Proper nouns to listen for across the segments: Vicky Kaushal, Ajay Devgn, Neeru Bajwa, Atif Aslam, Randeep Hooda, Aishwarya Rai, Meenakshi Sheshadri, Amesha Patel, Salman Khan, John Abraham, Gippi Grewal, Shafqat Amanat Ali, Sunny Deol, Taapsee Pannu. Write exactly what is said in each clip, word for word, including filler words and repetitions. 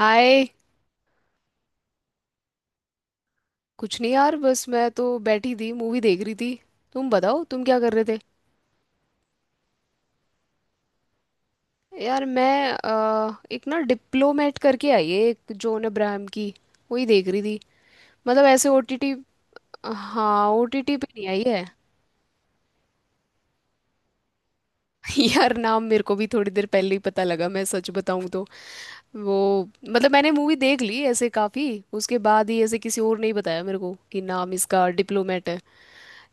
हाय। कुछ नहीं यार, बस मैं तो बैठी थी, मूवी देख रही थी। तुम बताओ तुम क्या कर रहे थे। यार मैं अ, एक ना डिप्लोमेट करके आई है एक जॉन अब्राहम की, वही देख रही थी। मतलब ऐसे ओटीटी। हाँ, ओटीटी पे नहीं आई है। यार नाम मेरे को भी थोड़ी देर पहले ही पता लगा, मैं सच बताऊं तो। वो, मतलब मैंने मूवी देख ली ऐसे काफी, उसके बाद ही ऐसे किसी और ने ही बताया मेरे को कि नाम इसका डिप्लोमेट है।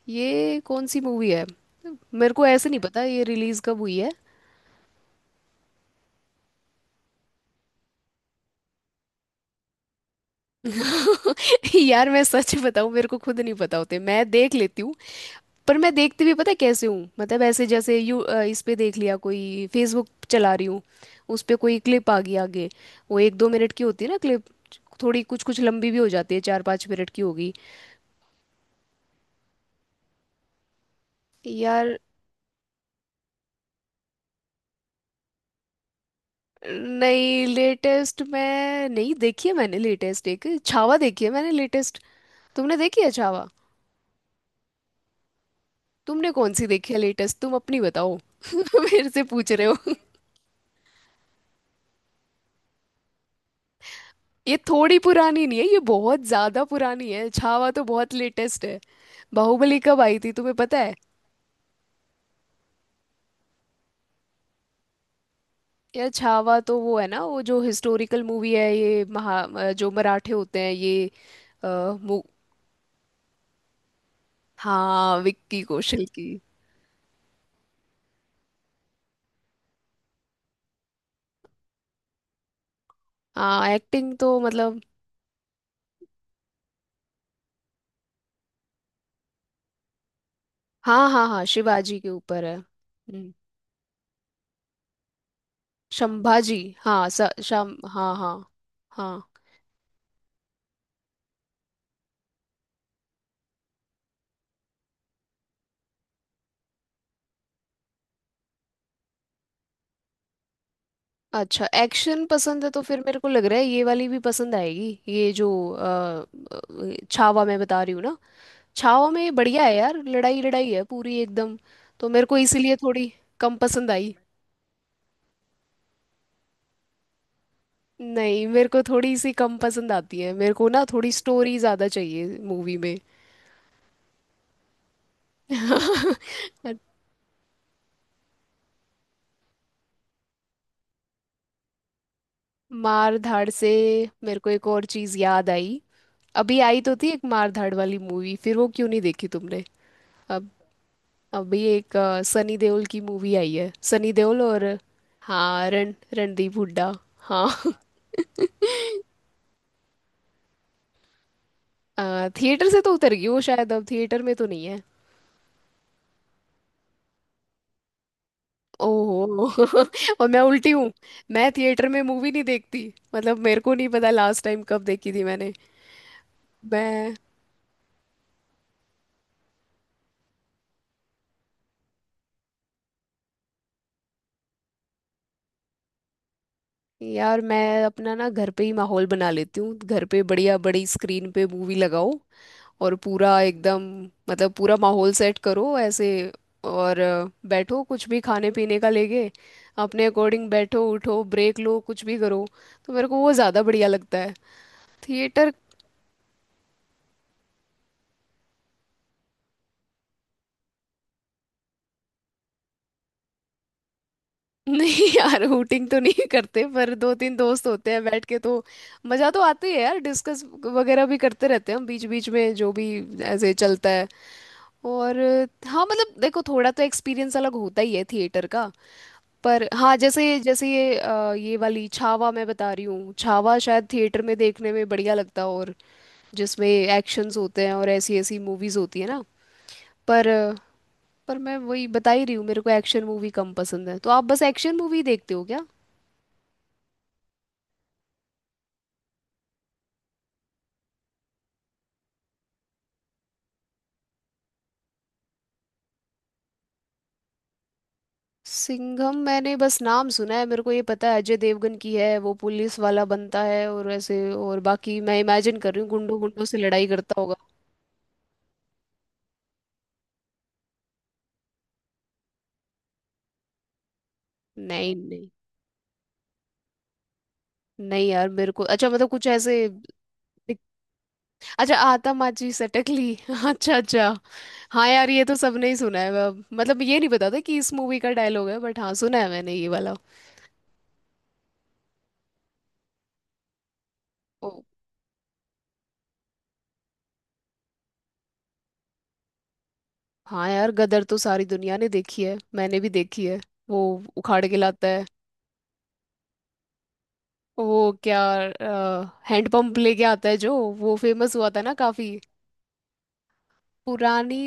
ये कौन सी मूवी है, मेरे को ऐसे नहीं पता ये रिलीज कब हुई है। यार मैं सच बताऊं, मेरे को खुद नहीं पता होते, मैं देख लेती हूँ। पर मैं देखती भी पता है कैसे हूँ, मतलब ऐसे जैसे यू अ, इस पे देख लिया, कोई फेसबुक चला रही हूँ, उस पे कोई क्लिप आ गई आगे। वो एक दो मिनट की होती है ना क्लिप, थोड़ी कुछ कुछ लंबी भी हो जाती है, चार पाँच मिनट की होगी। यार नहीं, लेटेस्ट मैं नहीं देखी है, मैंने लेटेस्ट एक छावा देखी है मैंने लेटेस्ट। तुमने देखी है छावा। तुमने कौन सी देखी है लेटेस्ट, तुम अपनी बताओ, मेरे से पूछ रहे हो। ये थोड़ी पुरानी नहीं है, ये बहुत ज्यादा पुरानी है, छावा तो बहुत लेटेस्ट है। बाहुबली कब आई थी तुम्हें पता है। यार छावा तो वो है ना, वो जो हिस्टोरिकल मूवी है, ये महा अ, जो मराठे होते हैं ये। आ, मु, हाँ विक्की कौशल की। हाँ एक्टिंग तो मतलब। हाँ हाँ हाँ, शिवाजी के ऊपर है। हम्म, शंभाजी। हाँ, स, शम हाँ हाँ। हाँ। अच्छा एक्शन पसंद है तो फिर मेरे को लग रहा है ये वाली भी पसंद आएगी, ये जो अ, अ, छावा मैं बता रही हूँ ना, छाओ में बढ़िया है यार, लड़ाई लड़ाई है पूरी एकदम। तो मेरे को इसीलिए थोड़ी कम पसंद आई। नहीं, मेरे को थोड़ी सी कम पसंद आती है, मेरे को ना थोड़ी स्टोरी ज़्यादा चाहिए मूवी में। मार धाड़ से मेरे को एक और चीज़ याद आई। अभी आई तो थी एक मार धाड़ वाली मूवी, फिर वो क्यों नहीं देखी तुमने। अब अभी एक अ, सनी देओल की मूवी आई है, सनी देओल और हाँ रण रणदीप हुड्डा। हाँ। थिएटर से तो उतर गई वो शायद, अब थिएटर में तो नहीं है। ओहो, और मैं उल्टी हूँ, मैं थिएटर में मूवी नहीं देखती। मतलब मेरे को नहीं पता लास्ट टाइम कब देखी थी मैंने। मैं, यार मैं अपना ना घर पे ही माहौल बना लेती हूँ, घर पे बढ़िया बड़ी स्क्रीन पे मूवी लगाओ और पूरा एकदम, मतलब पूरा माहौल सेट करो ऐसे। और अ, बैठो कुछ भी खाने पीने का लेके, अपने अकॉर्डिंग बैठो उठो ब्रेक लो कुछ भी करो, तो मेरे को वो ज़्यादा बढ़िया लगता है थिएटर। नहीं यार हूटिंग तो नहीं करते, पर दो तीन दोस्त होते हैं बैठ के तो मजा तो आती है यार। डिस्कस वगैरह भी करते रहते हैं हम बीच बीच में जो भी, ऐसे चलता है। और हाँ, मतलब देखो थोड़ा तो एक्सपीरियंस अलग होता ही है थिएटर का। पर हाँ, जैसे जैसे ये अ, ये वाली छावा मैं बता रही हूँ, छावा शायद थिएटर में देखने में बढ़िया लगता है, और जिसमें एक्शंस होते हैं और ऐसी ऐसी मूवीज होती है ना। पर पर मैं वही बता ही रही हूँ, मेरे को एक्शन मूवी कम पसंद है, तो आप बस एक्शन मूवी देखते हो क्या। सिंघम मैंने बस नाम सुना है, मेरे को ये पता है अजय देवगन की है, वो पुलिस वाला बनता है और ऐसे, और बाकी मैं इमेजिन कर रही हूँ गुंडों गुंडों से लड़ाई करता होगा। नहीं नहीं। नहीं यार मेरे को अच्छा मतलब कुछ ऐसे दिख- अच्छा आतमाची सटकली। अच्छा अच्छा, हाँ यार ये तो सबने ही सुना है, अब मतलब ये नहीं पता था कि इस मूवी का डायलॉग है, बट हाँ सुना है मैंने ये वाला। ओ हाँ, यार गदर तो सारी दुनिया ने देखी है, मैंने भी देखी है। वो उखाड़ के लाता है। वो क्या, हैंडपंप लेके आता है, जो वो फेमस हुआ था ना काफी। पुरानी।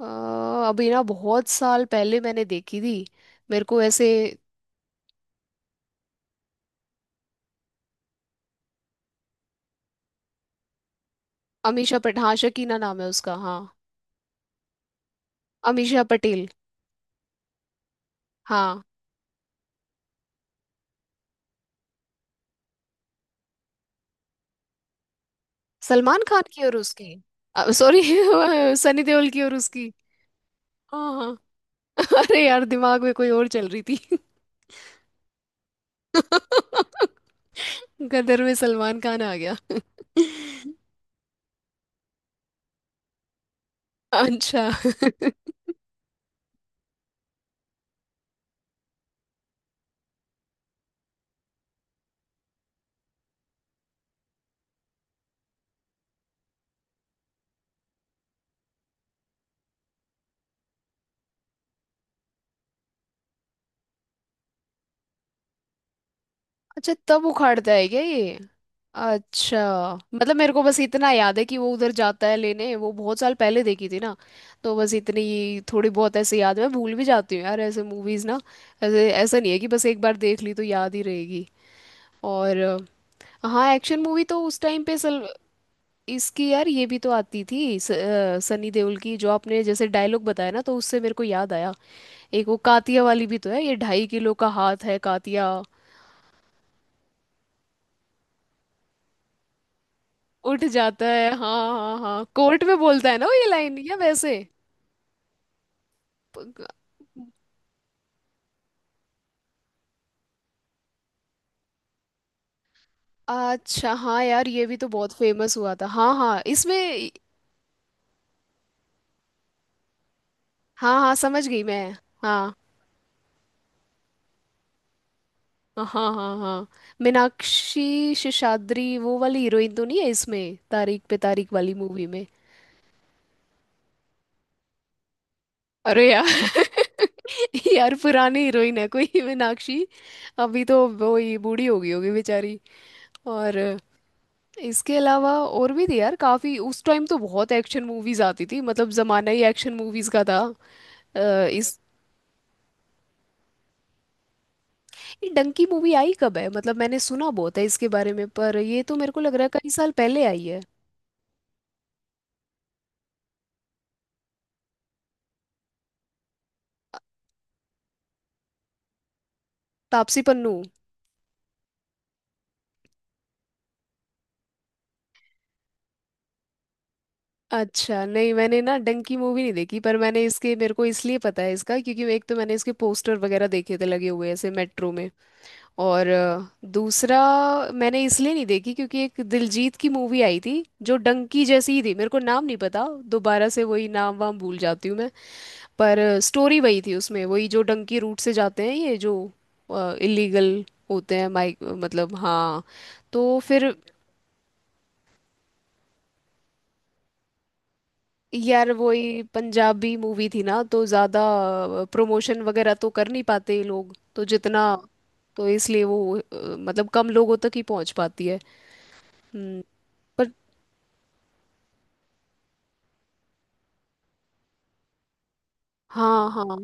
अ, अभी ना बहुत साल पहले मैंने देखी थी, मेरे को ऐसे। अमीषा पटेल, हाँ शकीना नाम है उसका हाँ। अमीषा पटेल। हाँ। सलमान खान की और उसकी। सॉरी। सनी देओल की और उसकी। हाँ हाँ। अरे यार दिमाग में कोई और चल रही थी। गदर में सलमान खान आ गया। अच्छा। अच्छा तब उखाड़ता है क्या ये। अच्छा। मतलब मेरे को बस इतना याद है कि वो उधर जाता है लेने, वो बहुत साल पहले देखी थी ना, तो बस इतनी थोड़ी बहुत ऐसे याद है। मैं भूल भी जाती हूँ यार ऐसे मूवीज ना, ऐसे ऐसा नहीं है कि बस एक बार देख ली तो याद ही रहेगी। और अ, हाँ एक्शन मूवी तो उस टाइम पे सल इसकी यार ये भी तो आती थी स, अ, सनी देओल की, जो आपने जैसे डायलॉग बताया ना तो उससे मेरे को याद आया, एक वो कातिया वाली भी तो है, ये ढाई किलो का हाथ है कातिया। उठ जाता है, हाँ हाँ हाँ, कोर्ट में बोलता है ना वो ये लाइन या वैसे। प- अच्छा हाँ यार ये भी तो बहुत फेमस हुआ था, हाँ हाँ इसमें। हाँ हाँ, समझ गई मैं। हाँ हाँ हाँ हाँ, मीनाक्षी शेषाद्री वो वाली हीरोइन तो नहीं है इसमें तारीख पे तारीख वाली मूवी में। अरे यार, यार पुरानी हीरोइन है कोई मीनाक्षी, अभी तो वो ही बूढ़ी हो गई होगी बेचारी। और इसके अलावा और भी थी यार काफी, उस टाइम तो बहुत एक्शन मूवीज आती थी, मतलब जमाना ही एक्शन मूवीज का था। अ, इस ये डंकी मूवी आई कब है, मतलब मैंने सुना बहुत है इसके बारे में, पर ये तो मेरे को लग रहा है कई साल पहले आई है। तापसी पन्नू। अच्छा नहीं, मैंने ना डंकी मूवी नहीं देखी, पर मैंने इसके, मेरे को इसलिए पता है इसका क्योंकि एक तो मैंने इसके पोस्टर वगैरह देखे थे लगे हुए ऐसे मेट्रो में, और अ, दूसरा मैंने इसलिए नहीं देखी क्योंकि एक दिलजीत की मूवी आई थी जो डंकी जैसी ही थी, मेरे को नाम नहीं पता, दोबारा से वही नाम वाम भूल जाती हूँ मैं। पर स्टोरी वही थी उसमें, वही जो डंकी रूट से जाते हैं ये जो इलीगल होते हैं, माइक मतलब, हाँ। तो फिर, यार वही पंजाबी मूवी थी ना तो ज़्यादा प्रमोशन वगैरह तो कर नहीं पाते ये लोग, तो जितना, तो इसलिए वो अ, मतलब कम लोगों तक ही पहुंच पाती है। हम्म। पर हाँ हाँ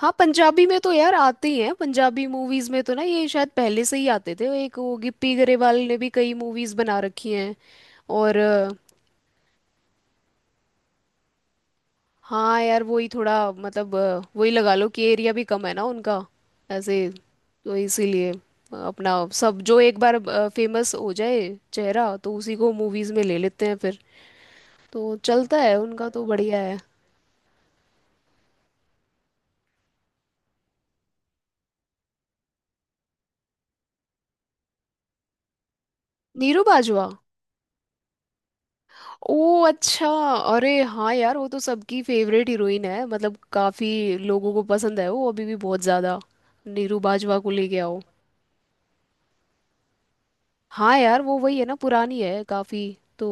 हाँ, पंजाबी में तो यार आते ही हैं, पंजाबी मूवीज में तो ना ये शायद पहले से ही आते थे, एक वो गिप्पी गरेवाल ने भी कई मूवीज बना रखी हैं। और अ, हाँ यार, वही थोड़ा मतलब अ, वही लगा लो कि एरिया भी कम है ना उनका ऐसे, तो इसीलिए अ, अपना सब जो एक बार फेमस हो जाए चेहरा तो उसी को मूवीज में ले लेते हैं फिर, तो चलता है उनका तो बढ़िया है। नीरू बाजवा। ओ अच्छा, अरे हाँ यार वो तो सबकी फेवरेट हीरोइन है, मतलब काफी लोगों को पसंद है वो अभी भी बहुत ज्यादा, नीरू बाजवा को लेके आओ। हाँ यार वो वही है ना, पुरानी है काफी तो।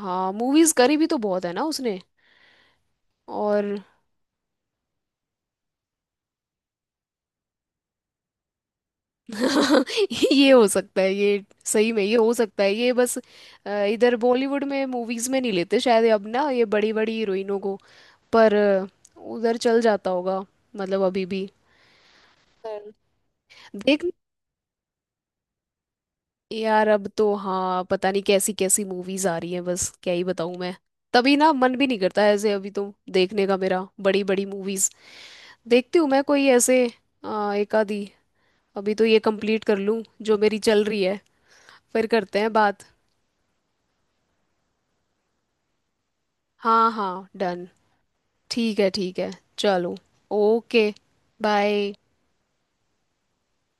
हाँ, मूवीज करी भी तो बहुत है ना उसने। और ये हो सकता है, ये सही में ये हो सकता है, ये बस अ, इधर बॉलीवुड में मूवीज में नहीं लेते शायद अब ना ये बड़ी बड़ी हीरोइनों को। पर अ, उधर चल जाता होगा मतलब अभी भी। पर देखना, यार अब तो हाँ पता नहीं कैसी कैसी मूवीज आ रही हैं, बस क्या ही बताऊं मैं। तभी ना मन भी नहीं करता ऐसे अभी तो देखने का मेरा, बड़ी बड़ी मूवीज देखती हूँ मैं कोई ऐसे। आ, एक आधी अभी तो ये कंप्लीट कर लूँ जो मेरी चल रही है, फिर करते हैं बात। हाँ हाँ डन। ठीक है ठीक है। चलो। ओके। बाय।